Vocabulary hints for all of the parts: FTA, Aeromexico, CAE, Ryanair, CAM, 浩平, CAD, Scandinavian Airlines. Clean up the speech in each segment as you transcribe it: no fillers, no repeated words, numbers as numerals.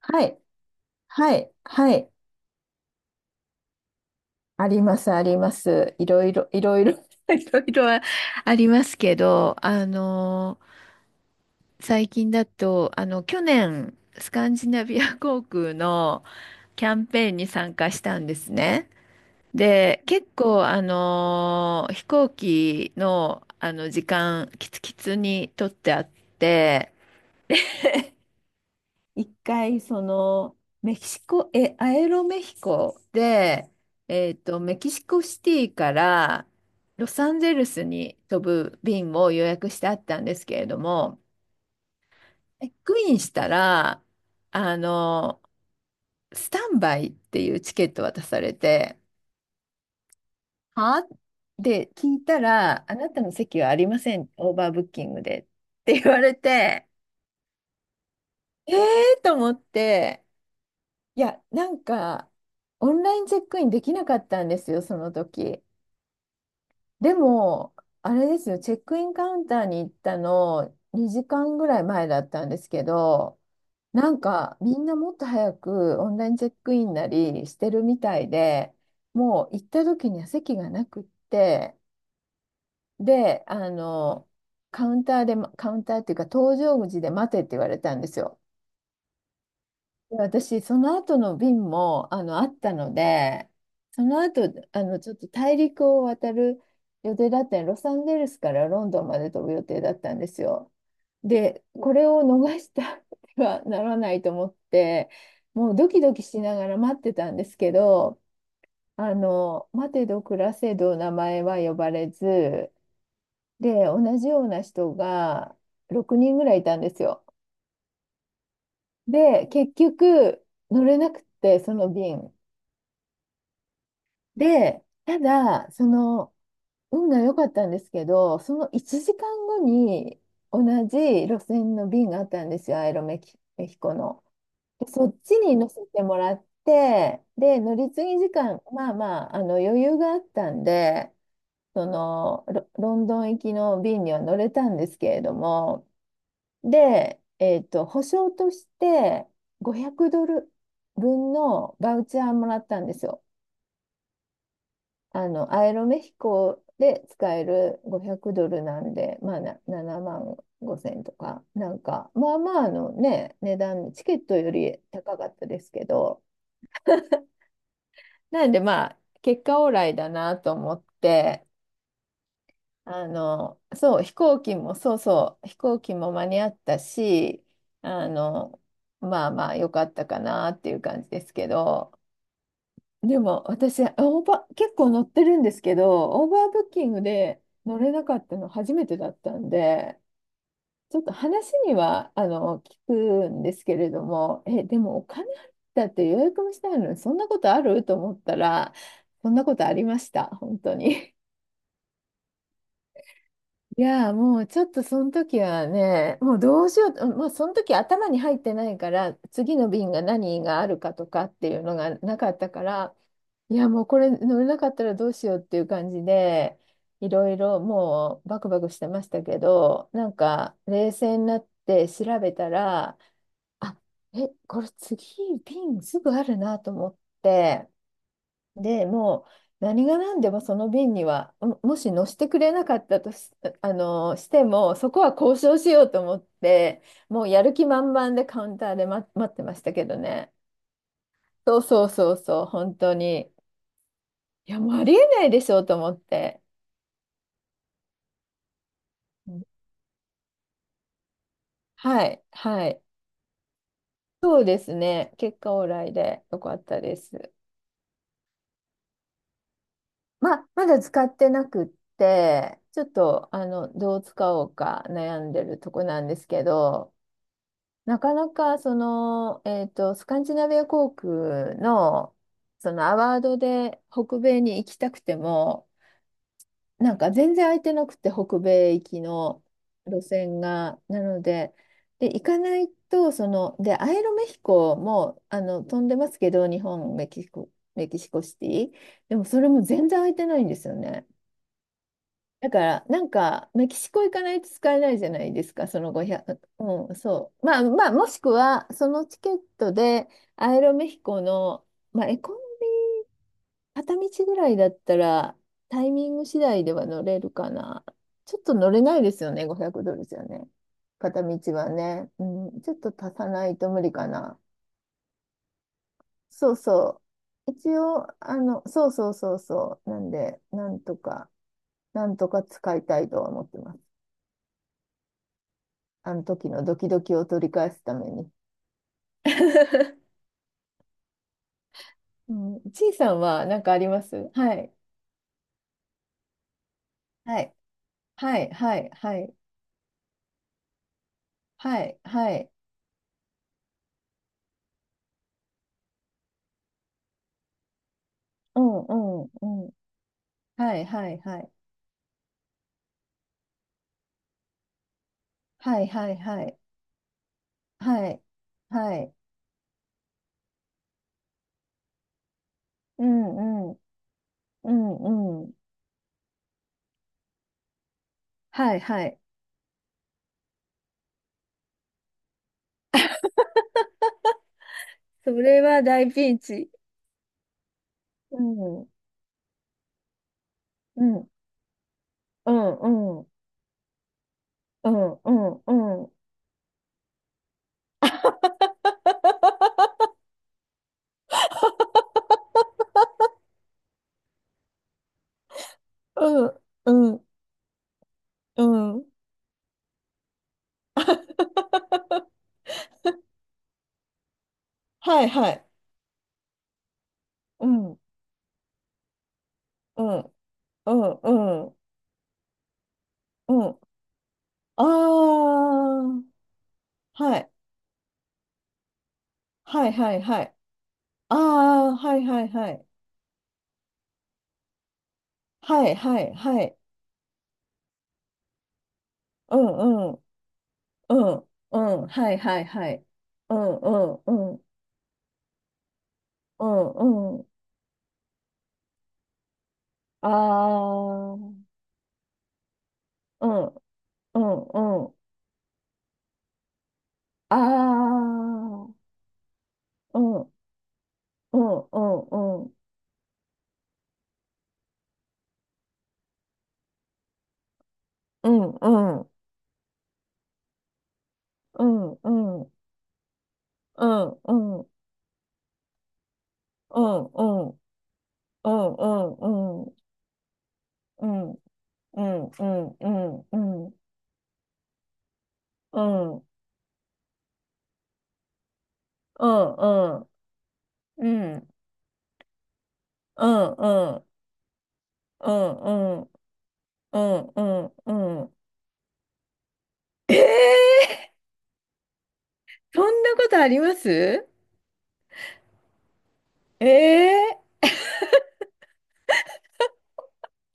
はい、はい、はい。あります、あります。いろいろ、いろいろ、いろいろはありますけど、最近だと、去年、スカンジナビア航空のキャンペーンに参加したんですね。で、結構、飛行機の、時間、キツキツに取ってあって、一回そのメキシコ、え、アエロメヒコで、メキシコシティからロサンゼルスに飛ぶ便を予約してあったんですけれども、チェックインしたら、あの、スタンバイっていうチケット渡されて、はで、聞いたら、あなたの席はありません、オーバーブッキングでって言われて、えーと思って、いや、なんか、オンラインチェックインできなかったんですよ、その時。でも、あれですよ、チェックインカウンターに行ったの2時間ぐらい前だったんですけど、なんかみんなもっと早くオンラインチェックインなりしてるみたいで、もう行った時には席がなくって、で、カウンターで、カウンターっていうか、搭乗口で待てって言われたんですよ。で私、その後の便も、あったので、その後、ちょっと大陸を渡る予定だったのロサンゼルスからロンドンまで飛ぶ予定だったんですよ。で、これを逃したてはならないと思って、もうドキドキしながら待ってたんですけど、待てど暮らせど名前は呼ばれず、で、同じような人が6人ぐらいいたんですよ。で、結局、乗れなくって、その便。で、ただ、その、運が良かったんですけど、その1時間後に同じ路線の便があったんですよ、アイロメキ、メヒコの。で、そっちに乗せてもらって、で、乗り継ぎ時間、まあまあ、余裕があったんで、ロンドン行きの便には乗れたんですけれども、で、保証として500ドル分のバウチャーもらったんですよ。アイロメヒコで使える500ドルなんで、まあ、7万5千とか、なんか、まあまああのね、値段、チケットより高かったですけど、なんでまあ、結果オーライだなと思って、飛行機も、そうそう、飛行機も間に合ったし、あの、まあまあ、良かったかなっていう感じですけど、でも私、オーバー、結構乗ってるんですけど、オーバーブッキングで乗れなかったの初めてだったんで、ちょっと話には聞くんですけれども、え、でもお金払ったって予約もしたいのに、そんなことあると思ったら、そんなことありました、本当に。いやーもうちょっとその時はね、もうどうしようと、まあ、その時頭に入ってないから、次の便が何があるかとかっていうのがなかったから、いや、もうこれ乗れなかったらどうしようっていう感じで、いろいろもうバクバクしてましたけど、なんか冷静になって調べたら、あ、これ次瓶すぐあるなと思って、で、もう何が何でもその瓶には、もし乗せてくれなかったとし、あの、しても、そこは交渉しようと思って、もうやる気満々でカウンターで待ってましたけどね。そうそうそうそう、本当に。いや、もうありえないでしょうと思って。うん、はい、はい。そうですね。結果オーライでよかったです。まだ使ってなくって、ちょっと、どう使おうか悩んでるとこなんですけど、なかなか、スカンジナビア航空の、そのアワードで北米に行きたくても、なんか全然空いてなくて、北米行きの路線が。なので、で、行かないと、で、アイロメヒコも、飛んでますけど、日本、メキシコ、メキシコシティ。でも、それも全然空いてないんですよね。だから、なんか、メキシコ行かないと使えないじゃないですか、その500、うん、そう。まあ、まあ、もしくは、そのチケットで、アイロメヒコの、まあ、エコノ片道ぐらいだったら、タイミング次第では乗れるかな。ちょっと乗れないですよね、500ドルじゃね。片道はね。うん、ちょっと足さないと無理かな。そうそう。一応、そうそうそうそう。なんで、なんとか、なんとか使いたいとは思ってます。あの時のドキドキを取り返すために。うん、ちいさんは何かありますはい。はい。はい。はい。はい。はい。はい。うん、うん、うん、はいはいはい。はいはいはい。はい。はい。うんうん。うんうん。はいはい。それは大ピンチ。うん。うん。うんうん。うんうんうん。うんうんうん。はいはい。うんうんうんうんうん。ああ、はいはいはいはい。ああ、はいはいはい。はいはいはい。うんうん。うん、うん、はいはいはい。うん、うん、うん、うん、うん。ああ、うん、うん、うん。ああ、うん、うん、うん、うん、うん、うん、うん、うん、うん、うん、うん、うん、うん、うん、うん、うん、うん、うん、うん、うん、うん、うん、うん、うん、うん、うん、うん、うん、うん。うん、ええ、そんなことあります、ええー、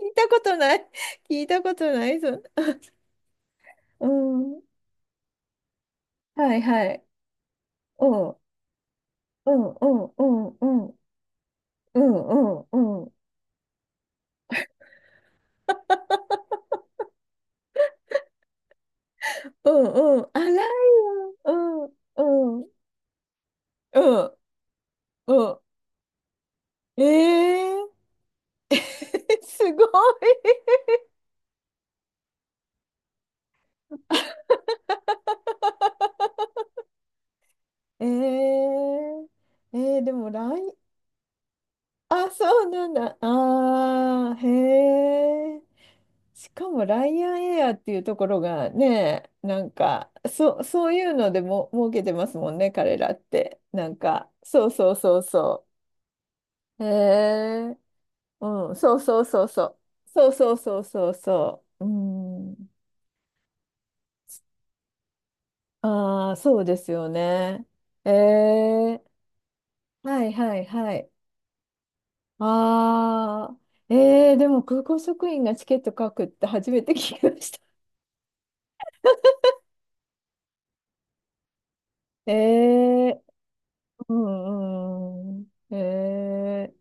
聞いたことない。聞いたことないぞ。うん。はいはい。うん。うんうんうんうんうんうんうんうんうん。あらいよ。うんうんうんうん。ええー すごい。えええーでもラインあ、そうなんだ。ああ、へえ。しかもライアンエアっていうところがね、なんか、そう、そういうのでも儲けてますもんね、彼らって。なんか、そうそうそうそう。へえ。うん、そうそうそうそう。そうそうそうそうそう。うん。ああ、そうですよね。ええ。はいはいはい。ああ。ええ、でも空港職員がチケット書くって初めて聞きました。ええ、うんうん。ええ、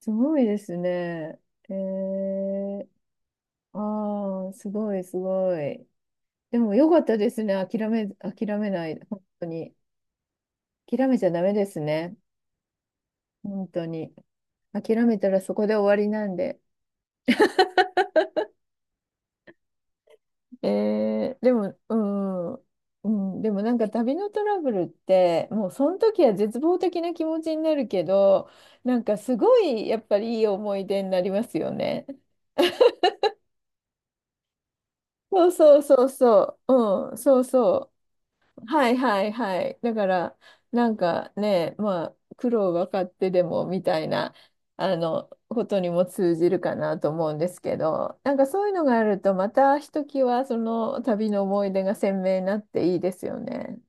すごいですね。ええ、ああ、すごい、すごい。でも、よかったですね。諦めない。本当に。諦めちゃダメですね。本当に。諦めたらそこで終わりなんで。ええ、でも、うん、うん。でも、なんか旅のトラブルって、もう、その時は絶望的な気持ちになるけど、なんか、すごい、やっぱりいい思い出になりますよね。そうそうそうそう、うん、そうそう、はいはいはい。だから、なんかね、まあ、苦労分かってでもみたいな、ことにも通じるかなと思うんですけど、なんかそういうのがあると、またひときわその旅の思い出が鮮明になっていいですよね。